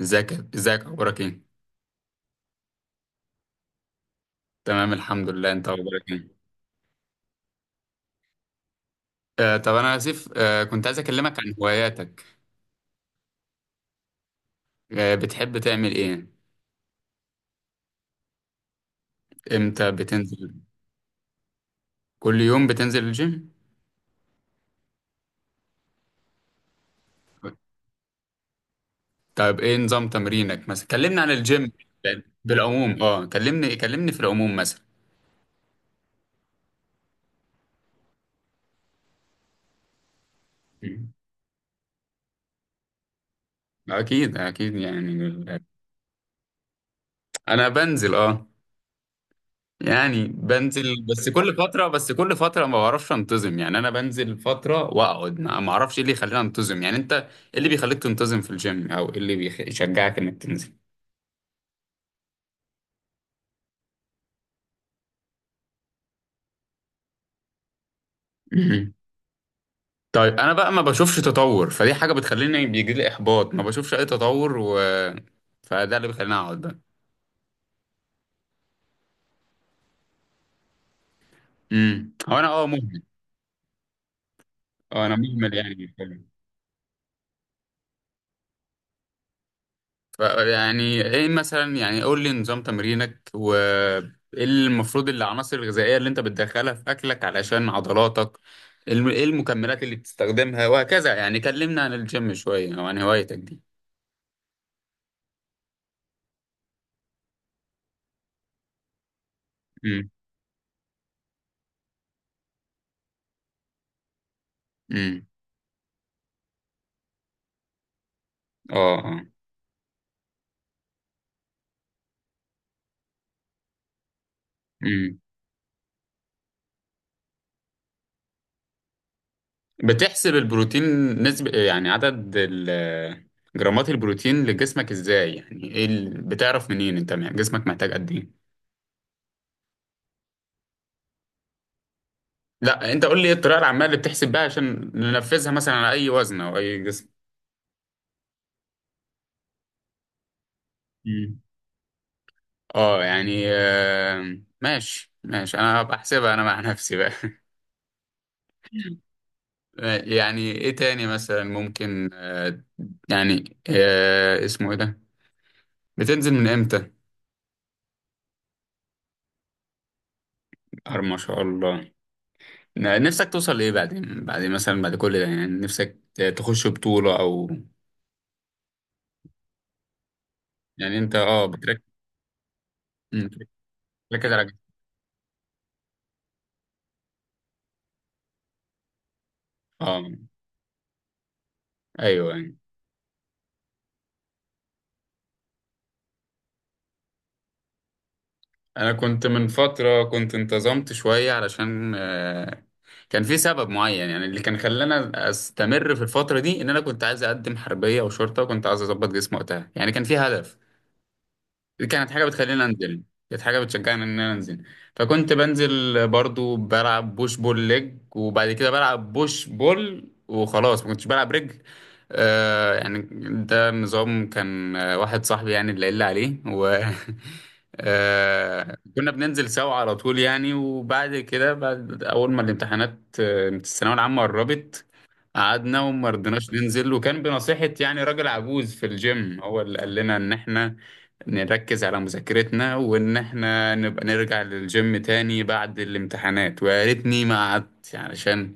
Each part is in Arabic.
ازيك، اخبارك ايه؟ تمام، الحمد لله. انت اخبارك ايه؟ طب انا اسف. كنت عايز اكلمك عن هواياتك. بتحب تعمل ايه؟ امتى بتنزل؟ كل يوم بتنزل الجيم؟ طب ايه نظام تمرينك مثلا؟ كلمنا عن الجيم بالعموم. اه كلمني في العموم مثلا. مم. اكيد يعني انا بنزل، يعني بنزل، بس كل فترة، ما بعرفش انتظم يعني. انا بنزل فترة واقعد، ما اعرفش ايه اللي يخليني انتظم يعني. انت ايه اللي بيخليك تنتظم في الجيم؟ او ايه اللي يشجعك انك تنزل؟ مهم. طيب انا بقى ما بشوفش تطور، فدي حاجة بتخليني بيجي لي احباط، ما بشوفش اي تطور، و... فده اللي بيخليني اقعد بقى. هو انا مهمل، اه انا مهمل يعني. ف- يعني ايه مثلا؟ يعني قول لي نظام تمرينك، وايه المفروض العناصر الغذائية اللي انت بتدخلها في اكلك علشان عضلاتك؟ ايه المكملات اللي بتستخدمها وهكذا؟ يعني كلمنا عن الجيم شوية او عن هوايتك دي. امم. امم. اه، اه. امم. بتحسب البروتين نسبة يعني؟ عدد جرامات البروتين لجسمك ازاي يعني؟ ايه بتعرف منين انت جسمك محتاج قد ايه؟ لا، انت قول لي ايه الطريقة العامة اللي بتحسب بيها، عشان ننفذها مثلا على اي وزن او اي جسم. مم. اه، يعني ماشي ماشي، انا هبقى احسبها انا مع نفسي بقى. يعني ايه تاني مثلا ممكن يعني اسمه ايه ده؟ بتنزل من امتى؟ ما شاء الله. نفسك توصل لايه بعدين، بعد مثلا بعد كل ده؟ يعني نفسك تخش بطولة او؟ يعني انت بتركز على اه ايوه، أيوه. انا كنت من فترة، كنت انتظمت شوية علشان كان في سبب معين يعني، اللي كان خلاني استمر في الفترة دي ان انا كنت عايز اقدم حربية او شرطة، وكنت عايز اظبط جسمي وقتها، يعني كان في هدف. دي كانت حاجة بتخليني أنزل، كانت حاجة بتشجعني إن أنا أنزل. فكنت بنزل برضو، بلعب بوش بول ليج، وبعد كده بلعب بوش بول وخلاص، ما كنتش بلعب رجل. يعني ده نظام كان، واحد صاحبي يعني اللي قال لي عليه، و كنا بننزل سوا على طول يعني. وبعد كده، بعد أول ما الامتحانات، الثانوية العامة قربت، قعدنا وما رضيناش ننزل، وكان بنصيحة يعني راجل عجوز في الجيم، هو اللي قال لنا إن إحنا نركز على مذاكرتنا، وإن إحنا نبقى نرجع للجيم تاني بعد الامتحانات. ويا ريتني ما قعدت يعني، عشان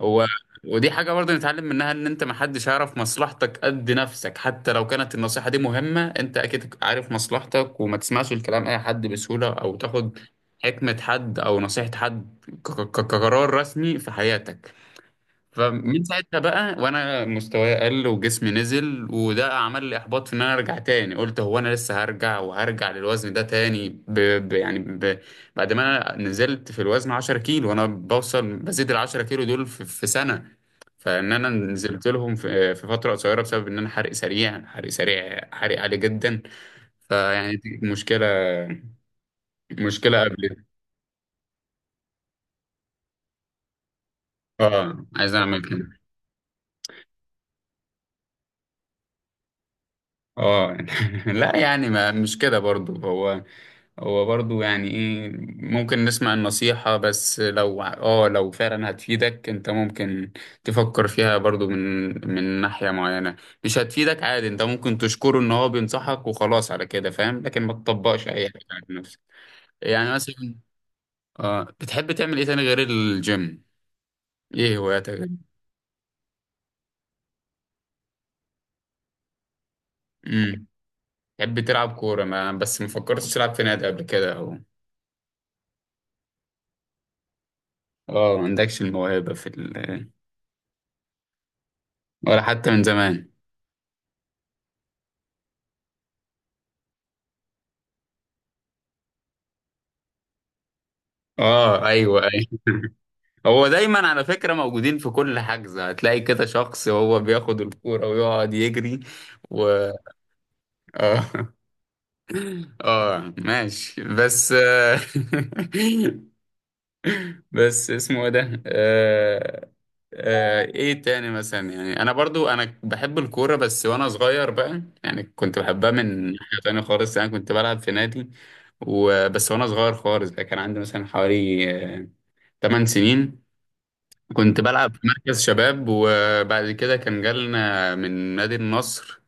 هو ودي حاجة برضه نتعلم منها، إن أنت محدش يعرف مصلحتك قد نفسك، حتى لو كانت النصيحة دي مهمة. أنت أكيد عارف مصلحتك، وما تسمعش الكلام أي حد بسهولة، أو تاخد حكمة حد أو نصيحة حد كقرار رسمي في حياتك. فمن ساعتها بقى وانا مستواي قل، وجسمي نزل، وده عمل لي احباط في ان انا ارجع تاني. قلت، هو انا لسه هرجع وهرجع للوزن ده تاني؟ ب... يعني ب... بعد ما انا نزلت في الوزن 10 كيلو، وانا بوصل، بزيد ال 10 كيلو دول في سنة، فان انا نزلت لهم في فترة قصيرة، بسبب ان انا حرق سريع، حرق عالي جدا. فيعني دي مشكلة، مشكلة قبل. اه، عايز اعمل كده. اه. لا يعني، ما مش كده برضو هو، هو برضو يعني ايه، ممكن نسمع النصيحة، بس لو لو فعلا هتفيدك، انت ممكن تفكر فيها برضو من ناحية معينة. مش هتفيدك، عادي، انت ممكن تشكره ان هو بينصحك وخلاص على كده، فاهم، لكن ما تطبقش اي حاجة على نفسك يعني. مثلا، اه بتحب تعمل ايه تاني غير الجيم؟ ايه هواياتك؟ امم. تحب تلعب كورة، ما بس ما فكرتش تلعب في نادي قبل كده او؟ اه، ما عندكش الموهبة ولا حتى من زمان؟ اه، ايوه، ايوه. هو دايما على فكرة موجودين في كل حجز، هتلاقي كده شخص هو بياخد الكورة ويقعد يجري، و اه. اه ماشي، بس بس اسمه ايه ده؟ ايه تاني مثلا؟ يعني انا برضو انا بحب الكورة، بس وانا صغير بقى يعني كنت بحبها من حاجة تانية خالص، يعني كنت بلعب في نادي وبس، وانا صغير خالص بقى كان عندي مثلا حوالي آه، 8 سنين، كنت بلعب في مركز شباب. وبعد كده كان جالنا من نادي النصر،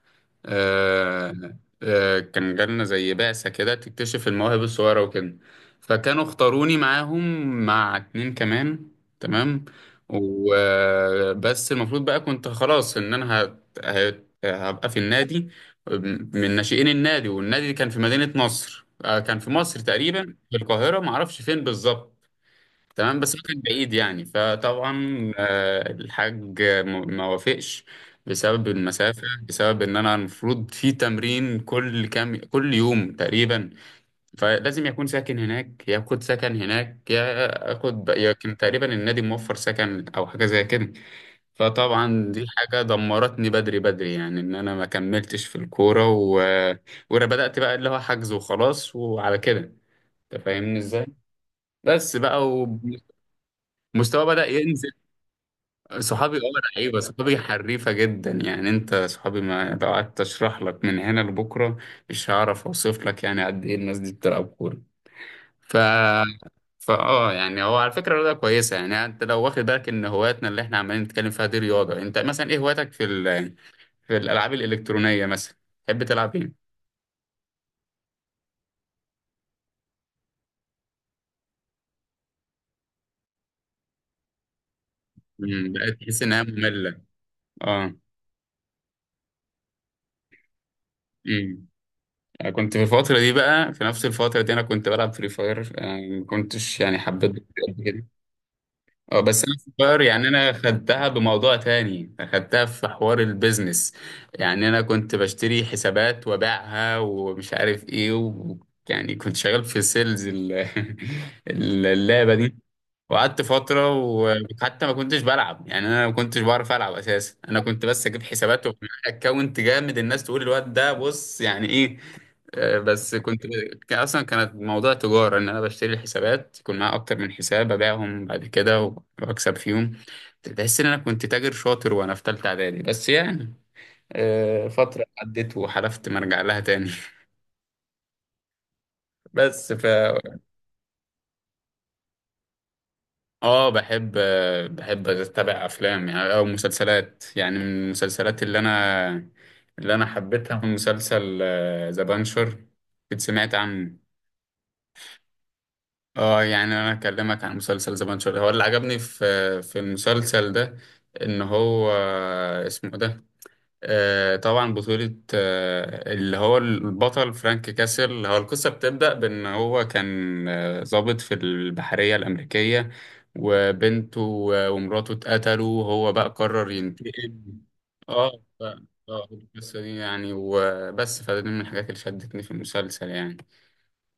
آه، كان جالنا زي بعثة كده تكتشف المواهب الصغيرة وكده، فكانوا اختاروني معاهم مع اتنين كمان، تمام. وبس المفروض بقى كنت خلاص ان انا هبقى في النادي، من ناشئين النادي. والنادي كان في مدينة نصر، كان في مصر تقريبا، في القاهرة، معرفش فين بالظبط. تمام، بس هو كان بعيد يعني. فطبعا الحاج ما وافقش، بسبب المسافة، بسبب ان انا المفروض في تمرين كل كام، كل يوم تقريبا، فلازم يكون ساكن هناك، ياخد سكن هناك، ياخد يمكن تقريبا النادي موفر سكن او حاجة زي كده. فطبعا دي حاجة دمرتني بدري بدري يعني، ان انا ما كملتش في الكورة، و... وانا بدأت بقى اللي هو حجز وخلاص وعلى كده، انت فاهمني ازاي؟ بس بقى، ومستوى بدأ ينزل. صحابي لعيبه، صحابي حريفه جدا يعني. انت صحابي، ما لو قعدت اشرح لك من هنا لبكره، مش هعرف اوصف لك يعني قد ايه الناس دي بتلعب كوره. ف فا اه يعني هو على فكره رياضه كويسه يعني. انت لو واخد بالك ان هواياتنا اللي احنا عمالين نتكلم فيها دي رياضه، انت مثلا ايه هواياتك في الالعاب الالكترونيه مثلا؟ تحب تلعب ايه؟ بقيت تحس انها ممله؟ اه. امم. أنا كنت في الفترة دي بقى، في نفس الفترة دي، أنا كنت بلعب فري فاير. أنا ما كنتش يعني حبيت قد كده، اه، بس انا صغير يعني. انا خدتها بموضوع تاني، خدتها في حوار البيزنس يعني. انا كنت بشتري حسابات وابيعها ومش عارف ايه، و... يعني كنت شغال في سيلز اللعبة دي. وقعدت فترة، وحتى ما كنتش بلعب يعني، أنا ما كنتش بعرف ألعب أساسا. أنا كنت بس أجيب حسابات وأكونت جامد، الناس تقول الواد ده بص يعني إيه. بس كنت، كان أصلا كانت موضوع تجارة، إن أنا بشتري الحسابات يكون معايا أكتر من حساب، أبيعهم بعد كده وأكسب فيهم. تحس إن أنا كنت تاجر شاطر وأنا في تالتة إعدادي، بس يعني فترة عدت وحلفت ما أرجع لها تاني. بس اه بحب، اتابع افلام يعني، او مسلسلات يعني. من المسلسلات اللي انا حبيتها، مسلسل ذا بانشر، كنت سمعت عنه. اه يعني انا اكلمك عن مسلسل ذا بانشر. هو اللي عجبني في المسلسل ده، ان هو اسمه إيه ده، طبعا بطولة، اللي هو البطل فرانك كاسل. هو القصة بتبدأ بأن هو كان ضابط في البحرية الأمريكية، وبنته ومراته اتقتلوا، وهو بقى قرر ينتقم. اه، ف- اه القصة دي يعني وبس، فدي من الحاجات اللي شدتني في المسلسل يعني.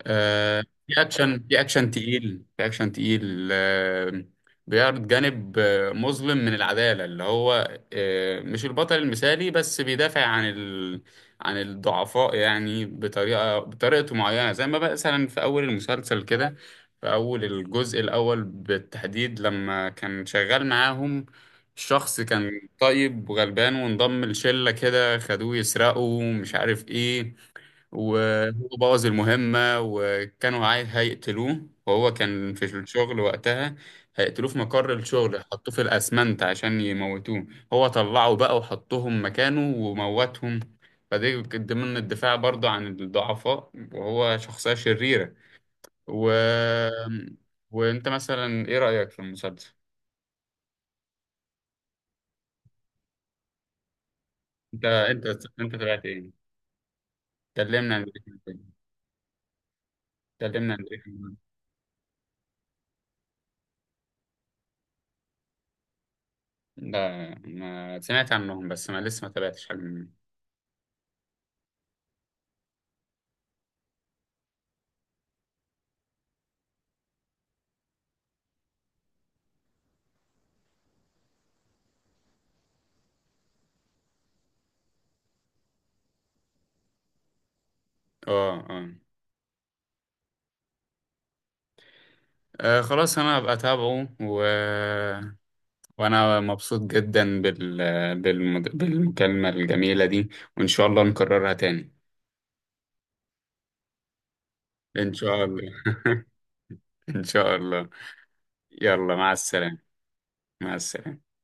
آه، في اكشن تقيل، في اكشن تقيل، بيعرض جانب مظلم من العداله، اللي هو مش البطل المثالي، بس بيدافع عن الضعفاء يعني بطريقه، بطريقته معينه. زي ما بقى مثلا في اول المسلسل كده، في اول الجزء الاول بالتحديد، لما كان شغال معاهم شخص كان طيب وغلبان، وانضم لشله كده، خدوه يسرقوا مش عارف ايه، وهو بوظ المهمة، وكانوا عايز هيقتلوه، وهو كان في الشغل وقتها، هيقتلوه في مقر الشغل، حطوه في الأسمنت عشان يموتوه. هو طلعه بقى وحطهم مكانه وموتهم. فدي كانت ضمن الدفاع برضه عن الضعفاء، وهو شخصية شريرة. و... وانت مثلا ايه رأيك في المسلسل؟ انت انت انت تابعت ايه؟ كلمنا عن بريكنج باد. كلمنا عن بريكنج باد لا ما سمعت عنهم، بس ما لسه ما تابعتش حاجة منهم. اه، اه. خلاص انا هبقى اتابعه. و... وانا مبسوط جدا بالمكالمة الجميلة دي، وان شاء الله نكررها تاني. ان شاء الله. ان شاء الله. يلا مع السلامة. مع السلامة.